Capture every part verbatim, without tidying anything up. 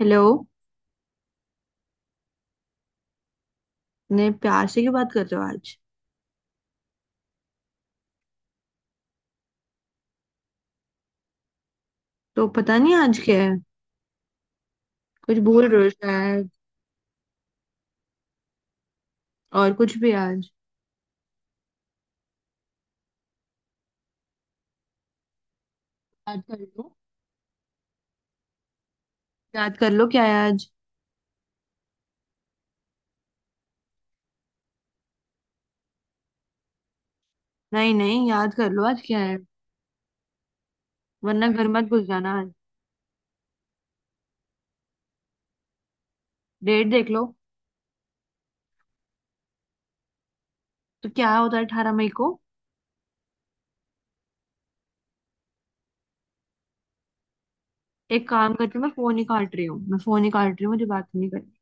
Hello. ने प्यार से क्यों बात कर रहे हो आज? तो पता नहीं आज क्या है। कुछ भूल रहे हो शायद। और कुछ भी आज? याद कर लो। याद कर लो क्या है आज। नहीं नहीं, याद कर लो आज क्या है। वरना घर मत घुस जाना आज। डेट देख लो। तो क्या होता है अठारह मई को? एक काम करती हूँ, मैं फोन ही काट रही हूँ, मैं फोन ही काट रही हूँ, मुझे बात नहीं करनी।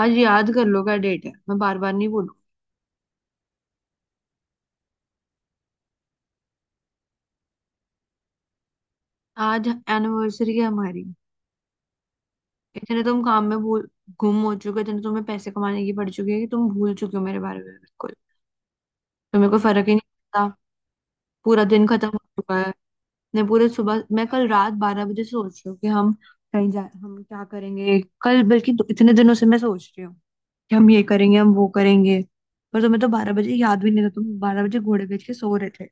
आज याद कर लो क्या डेट है, मैं बार बार नहीं बोलूँ। आज एनिवर्सरी है हमारी। इतने तुम काम में भूल गुम हो चुके हो, इतने तुम्हें पैसे कमाने की पड़ चुकी है कि तुम भूल चुके हो मेरे बारे में बिल्कुल। तो मेरे को फर्क ही नहीं पड़ता। पूरा दिन खत्म हो चुका है। मैं पूरे सुबह मैं कल रात बारह बजे सोच रही हूँ कि हम कहीं जा, हम क्या करेंगे कल, बल्कि दो- इतने दिनों से मैं सोच रही हूँ कि हम ये करेंगे, हम वो करेंगे। पर तुम्हें तो बारह बजे याद भी नहीं था, तुम बारह बजे घोड़े बेच के सो रहे थे।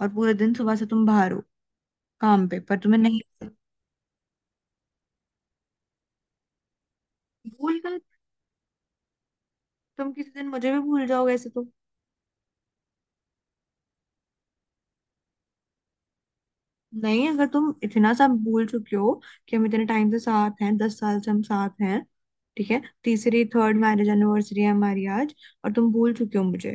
और पूरे दिन सुबह से तुम बाहर हो काम पे, पर तुम्हें नहीं। भूल गए? तुम किसी दिन मुझे भी भूल जाओगे ऐसे तो। नहीं, अगर तुम इतना सा भूल चुके हो कि हम इतने टाइम से साथ हैं, दस साल से हम साथ हैं। ठीक है, तीसरी थर्ड मैरिज एनिवर्सरी है हमारी आज। और तुम भूल चुके हो मुझे,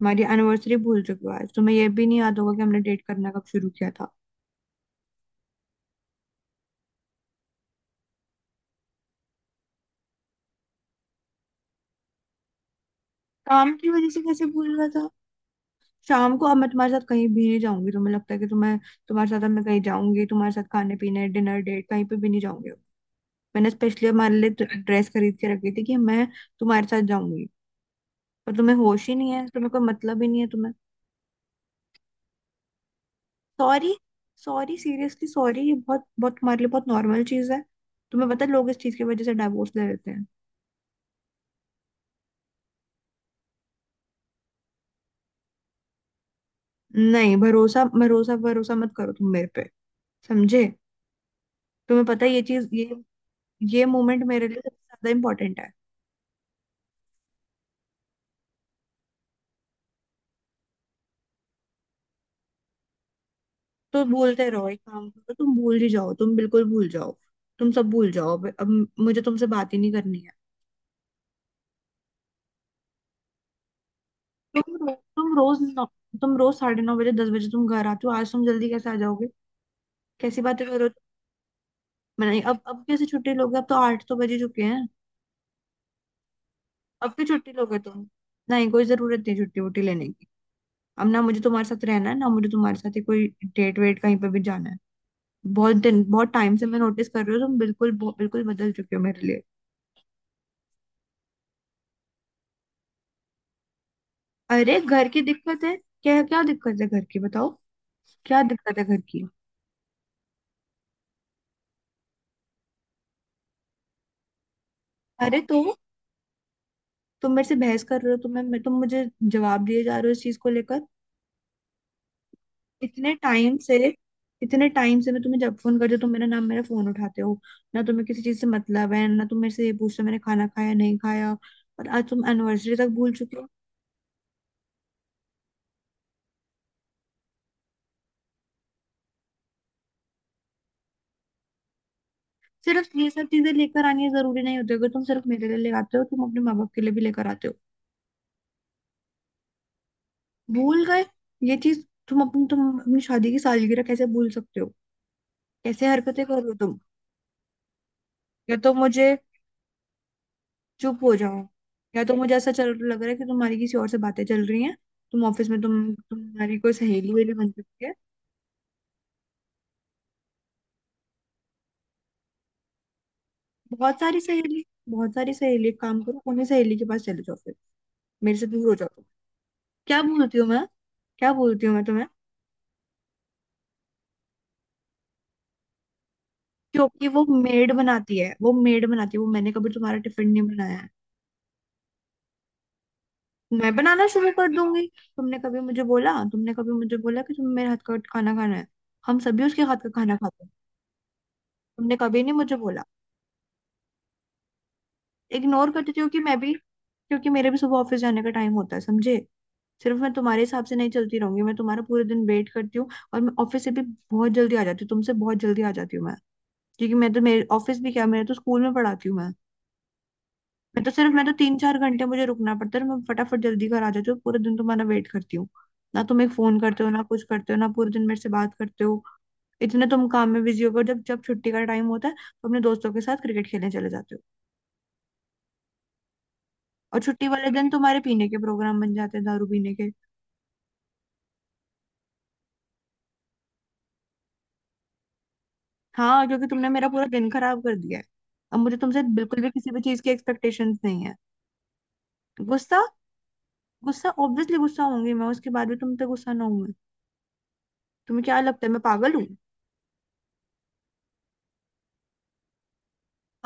हमारी एनिवर्सरी भूल चुके हो, आज तुम्हें ये भी नहीं याद होगा कि हमने डेट करना कब शुरू किया था। काम की वजह से कैसे भूल गया था? शाम को अब मैं तुम्हारे साथ कहीं भी नहीं जाऊंगी। तुम्हें लगता है कि तुम्हें, तुम्हारे साथ अब मैं कहीं जाऊंगी? तुम्हारे साथ खाने पीने डिनर डेट कहीं पे भी नहीं जाऊंगी। मैंने स्पेशली हमारे लिए ड्रेस खरीद के रखी थी कि मैं तुम्हारे साथ जाऊंगी। पर तुम्हें होश ही नहीं है, तुम्हें कोई मतलब ही नहीं है तुम्हें। सॉरी? सॉरी, सीरियसली सॉरी ये बहुत बहुत तुम्हारे लिए बहुत नॉर्मल चीज है। तुम्हें पता है लोग इस चीज की वजह से डाइवोर्स ले लेते हैं। नहीं, भरोसा भरोसा भरोसा मत करो तुम मेरे पे, समझे? तुम्हें पता है ये चीज, ये ये मोमेंट मेरे लिए सबसे ज्यादा इंपॉर्टेंट है। तो भूलते रहो, एक काम करो तुम भूल ही जाओ, तुम बिल्कुल भूल जाओ, तुम सब भूल जाओ। अब अब मुझे तुमसे बात ही नहीं करनी है। तुम रो- तुम रोज नौ, तुम रोज साढ़े नौ बजे, दस बजे तुम घर आते हो, आज तुम जल्दी कैसे आ जाओगे? कैसी बातें करो। नहीं, अब अब कैसे छुट्टी लोगे? अब तो आठ तो बज ही चुके हैं। अब क्यों छुट्टी लोगे तुम? नहीं, कोई जरूरत नहीं छुट्टी वुट्टी लेने की। अब ना मुझे तुम्हारे साथ रहना है, ना मुझे तुम्हारे साथ ही कोई डेट वेट कहीं पे भी जाना है। बहुत दिन, बहुत टाइम से मैं नोटिस कर रही हूँ, तुम बिल्कुल बहु- बिल्कुल बदल चुके हो मेरे लिए। अरे घर की दिक्कत है? क्या क्या दिक्कत है घर की, बताओ? क्या दिक्कत है घर की? अरे तो तुम मेरे से बहस कर रहे हो, तुम मैं, तुम मुझे जवाब दिए जा रहे हो इस चीज को लेकर। इतने टाइम से इतने टाइम से मैं तुम्हें जब फोन करती हूँ, तुम मेरा नाम मेरा फोन उठाते हो, ना तुम्हें किसी चीज से मतलब है, ना तुम मेरे से ये पूछते हो मैंने खाना खाया नहीं खाया। और आज तुम एनिवर्सरी तक भूल चुके हो। सिर्फ ये सब चीजें लेकर आनी है जरूरी नहीं होती, अगर तुम सिर्फ मेरे लिए ले आते हो, तुम अपने माँ बाप के लिए भी लेकर आते हो। भूल गए? ये चीज तुम अपनी, तुम अपनी शादी की सालगिरह कैसे भूल सकते हो? कैसे हरकतें कर रहे हो तुम। या तो मुझे चुप हो जाओ। या तो मुझे ऐसा चल लग रहा है कि तुम्हारी किसी और से बातें चल रही हैं। तुम ऑफिस में तुम तुम्हारी कोई सहेली वेली बन सकती है। बहुत सारी सहेली बहुत सारी सहेली, एक काम करो उन्हीं सहेली के पास चले जाओ फिर, मेरे से दूर हो जाओ तुम। क्या बोलती हूँ मैं, क्या बोलती हूँ मैं तुम्हें? क्योंकि वो मेड बनाती है, वो मेड बनाती है वो मैंने कभी तुम्हारा टिफिन नहीं बनाया है। मैं बनाना शुरू कर दूंगी। तुमने कभी मुझे बोला तुमने कभी मुझे बोला कि तुम्हें मेरे हाथ का खाना खाना है? हम सभी उसके हाथ का खाना खाते हैं। तुमने कभी नहीं मुझे बोला। इग्नोर करती थी कि मैं भी, क्योंकि मेरे भी सुबह ऑफिस जाने का टाइम होता है, समझे? सिर्फ मैं तुम्हारे हिसाब से नहीं चलती रहूंगी। मैं तुम्हारा पूरे दिन वेट करती हूँ और मैं ऑफिस से भी बहुत जल्दी आ जाती हूँ, तुमसे बहुत जल्दी आ जाती हूँ मैं। क्योंकि मैं तो मेरे ऑफिस भी क्या, मेरे तो स्कूल में पढ़ाती हूँ मैं। मैं तो सिर्फ, मैं तो तीन चार घंटे मुझे रुकना पड़ता है और मैं फटाफट जल्दी घर आ जाती हूँ, पूरे दिन तुम्हारा वेट करती हूँ। ना तुम एक फोन करते हो, ना कुछ करते हो, ना पूरे दिन मेरे से बात करते हो। इतने तुम काम में बिजी हो गए हो। जब जब छुट्टी का टाइम होता है तो अपने दोस्तों के साथ क्रिकेट खेलने चले जाते हो। और छुट्टी वाले दिन तुम्हारे पीने के प्रोग्राम बन जाते हैं, दारू पीने के। हाँ, क्योंकि तुमने मेरा पूरा दिन खराब कर दिया है। अब मुझे तुमसे बिल्कुल भी किसी भी चीज की एक्सपेक्टेशंस नहीं है। गुस्सा? गुस्सा ऑब्वियसली गुस्सा होंगी मैं, उसके बाद भी तुम पे गुस्सा ना होंगी? तुम्हें क्या लगता है मैं पागल हूँ?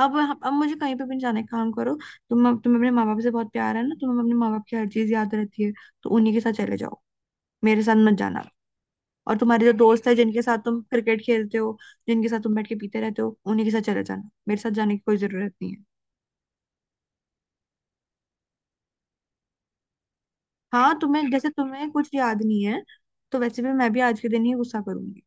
अब अब मुझे कहीं पे भी नहीं जाना है, काम करो तुम। तुम्हें अपने माँ बाप से बहुत प्यार है ना, तुम्हें अपने माँ बाप की हर चीज याद रहती है, तो उन्हीं के साथ चले जाओ, मेरे साथ मत जाना। और तुम्हारे जो दोस्त है जिनके साथ तुम क्रिकेट खेलते हो, जिनके साथ तुम बैठ के पीते रहते हो, उन्हीं के साथ चले जाना, मेरे साथ जाने की कोई जरूरत नहीं है। हाँ तुम्हें, जैसे तुम्हें कुछ याद नहीं है, तो वैसे भी मैं भी आज के दिन ही गुस्सा करूंगी।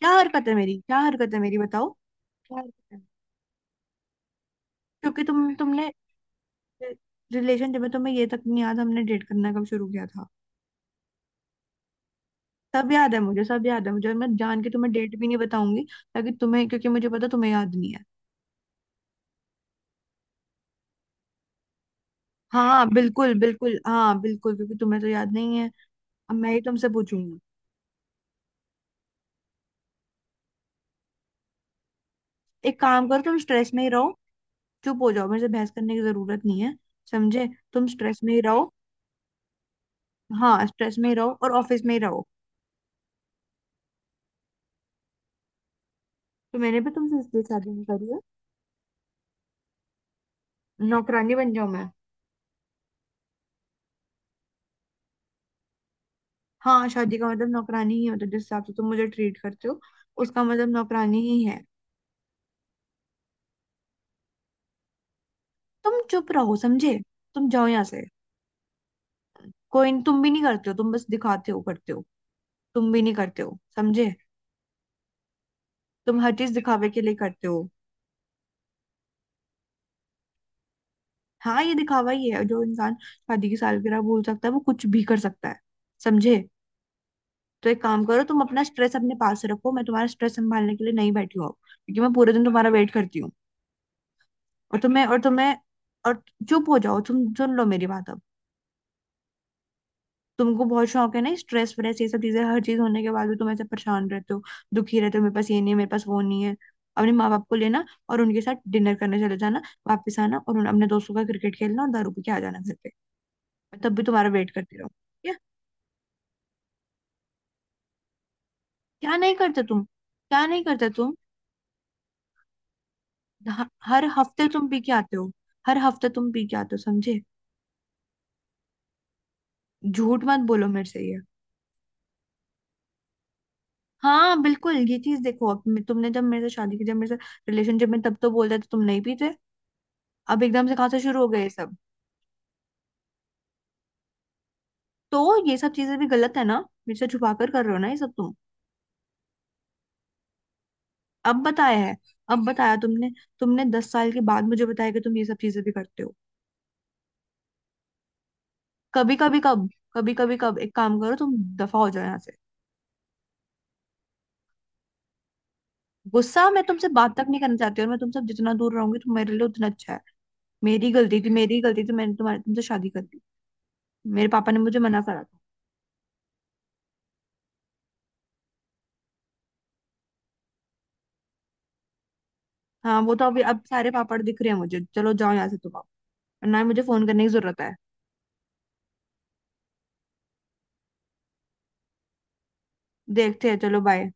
क्या हरकत है मेरी, क्या हरकत है मेरी बताओ? क्या हरकत है? क्योंकि तुम तुमने रिलेशनशिप में, तुम्हें ये तक नहीं याद हमने डेट करना कब शुरू किया था। सब याद है मुझे, सब याद है मुझे, मैं जान के तुम्हें डेट भी नहीं बताऊंगी, ताकि तुम्हें, क्योंकि मुझे पता तुम्हें याद नहीं है। हाँ बिल्कुल, बिल्कुल हाँ बिल्कुल, क्योंकि तुम्हें तो याद नहीं है। अब मैं ही तुमसे पूछूंगी। एक काम करो, तुम स्ट्रेस में ही रहो। चुप हो जाओ, मेरे से बहस करने की जरूरत नहीं है समझे। तुम स्ट्रेस में ही रहो। हाँ, स्ट्रेस में ही रहो और ऑफिस में ही रहो। तो मैंने भी तुमसे इसलिए शादी नहीं करी है। नौकरानी बन जाऊं मैं? हाँ, शादी का मतलब नौकरानी ही होता है, मतलब जिस हिसाब से तुम मुझे ट्रीट करते हो उसका मतलब नौकरानी ही है। तुम चुप रहो समझे, तुम जाओ यहाँ से। कोई नहीं, तुम भी नहीं करते हो, तुम बस दिखाते हो करते हो। तुम भी नहीं करते हो समझे, तुम हर चीज दिखावे के लिए करते हो। हाँ, ये दिखावा ही है, जो इंसान शादी की सालगिरह भूल सकता है वो कुछ भी कर सकता है, समझे। तो एक काम करो, तुम अपना स्ट्रेस अपने पास रखो, मैं तुम्हारा स्ट्रेस संभालने के लिए नहीं बैठी हूँ अब, क्योंकि मैं पूरे दिन तुम्हारा वेट करती हूँ। और तुम्हें और तुम्हें और चुप हो जाओ तुम, सुन लो मेरी बात अब। तुमको बहुत शौक है ना स्ट्रेस व्रेस ये सब चीजें, हर चीज होने के बाद भी तुम ऐसे परेशान रहते हो, दुखी रहते हो, मेरे पास ये नहीं है, मेरे पास वो नहीं है। अपने माँ बाप को लेना और उनके साथ डिनर करने चले जाना, वापस आना और उन अपने दोस्तों का क्रिकेट खेलना और दारू पी के आ जाना घर पे, मैं तब भी तुम्हारा वेट करती रहूँ? क्या? क्या नहीं करते तुम, क्या नहीं करते तुम? ह- हर हफ्ते तुम पी के आते हो, हर हफ्ते तुम पी के आते हो समझे। झूठ मत बोलो मेरे से ये। हाँ बिल्कुल, ये चीज देखो, अब मे- तुमने जब मेरे से शादी की, जब मेरे से रिलेशनशिप में, तब तो बोलते थे तुम नहीं पीते, अब एकदम से कहाँ से शुरू हो गए ये सब? तो ये सब चीजें भी गलत है ना, मेरे से छुपा कर कर रहे हो ना ये सब तुम। अब बताया है, अब बताया तुमने, तुमने दस साल के बाद मुझे बताया कि तुम ये सब चीजें भी करते हो। कभी कभी कब? कभी कभी कब? एक काम करो तुम दफा हो जाओ यहाँ से। गुस्सा? मैं तुमसे बात तक नहीं करना चाहती, और मैं तुमसे जितना दूर रहूंगी तो मेरे लिए उतना अच्छा है। मेरी गलती थी, मेरी गलती थी, मैंने तुम्हारे, तुमसे शादी कर दी। मेरे पापा ने मुझे मना करा था। हाँ वो तो अभी, अब सारे पापड़ दिख रहे हैं मुझे, चलो जाओ यहाँ से तुम, आओ ना ही, मुझे फोन करने की जरूरत है। देखते हैं, चलो बाय।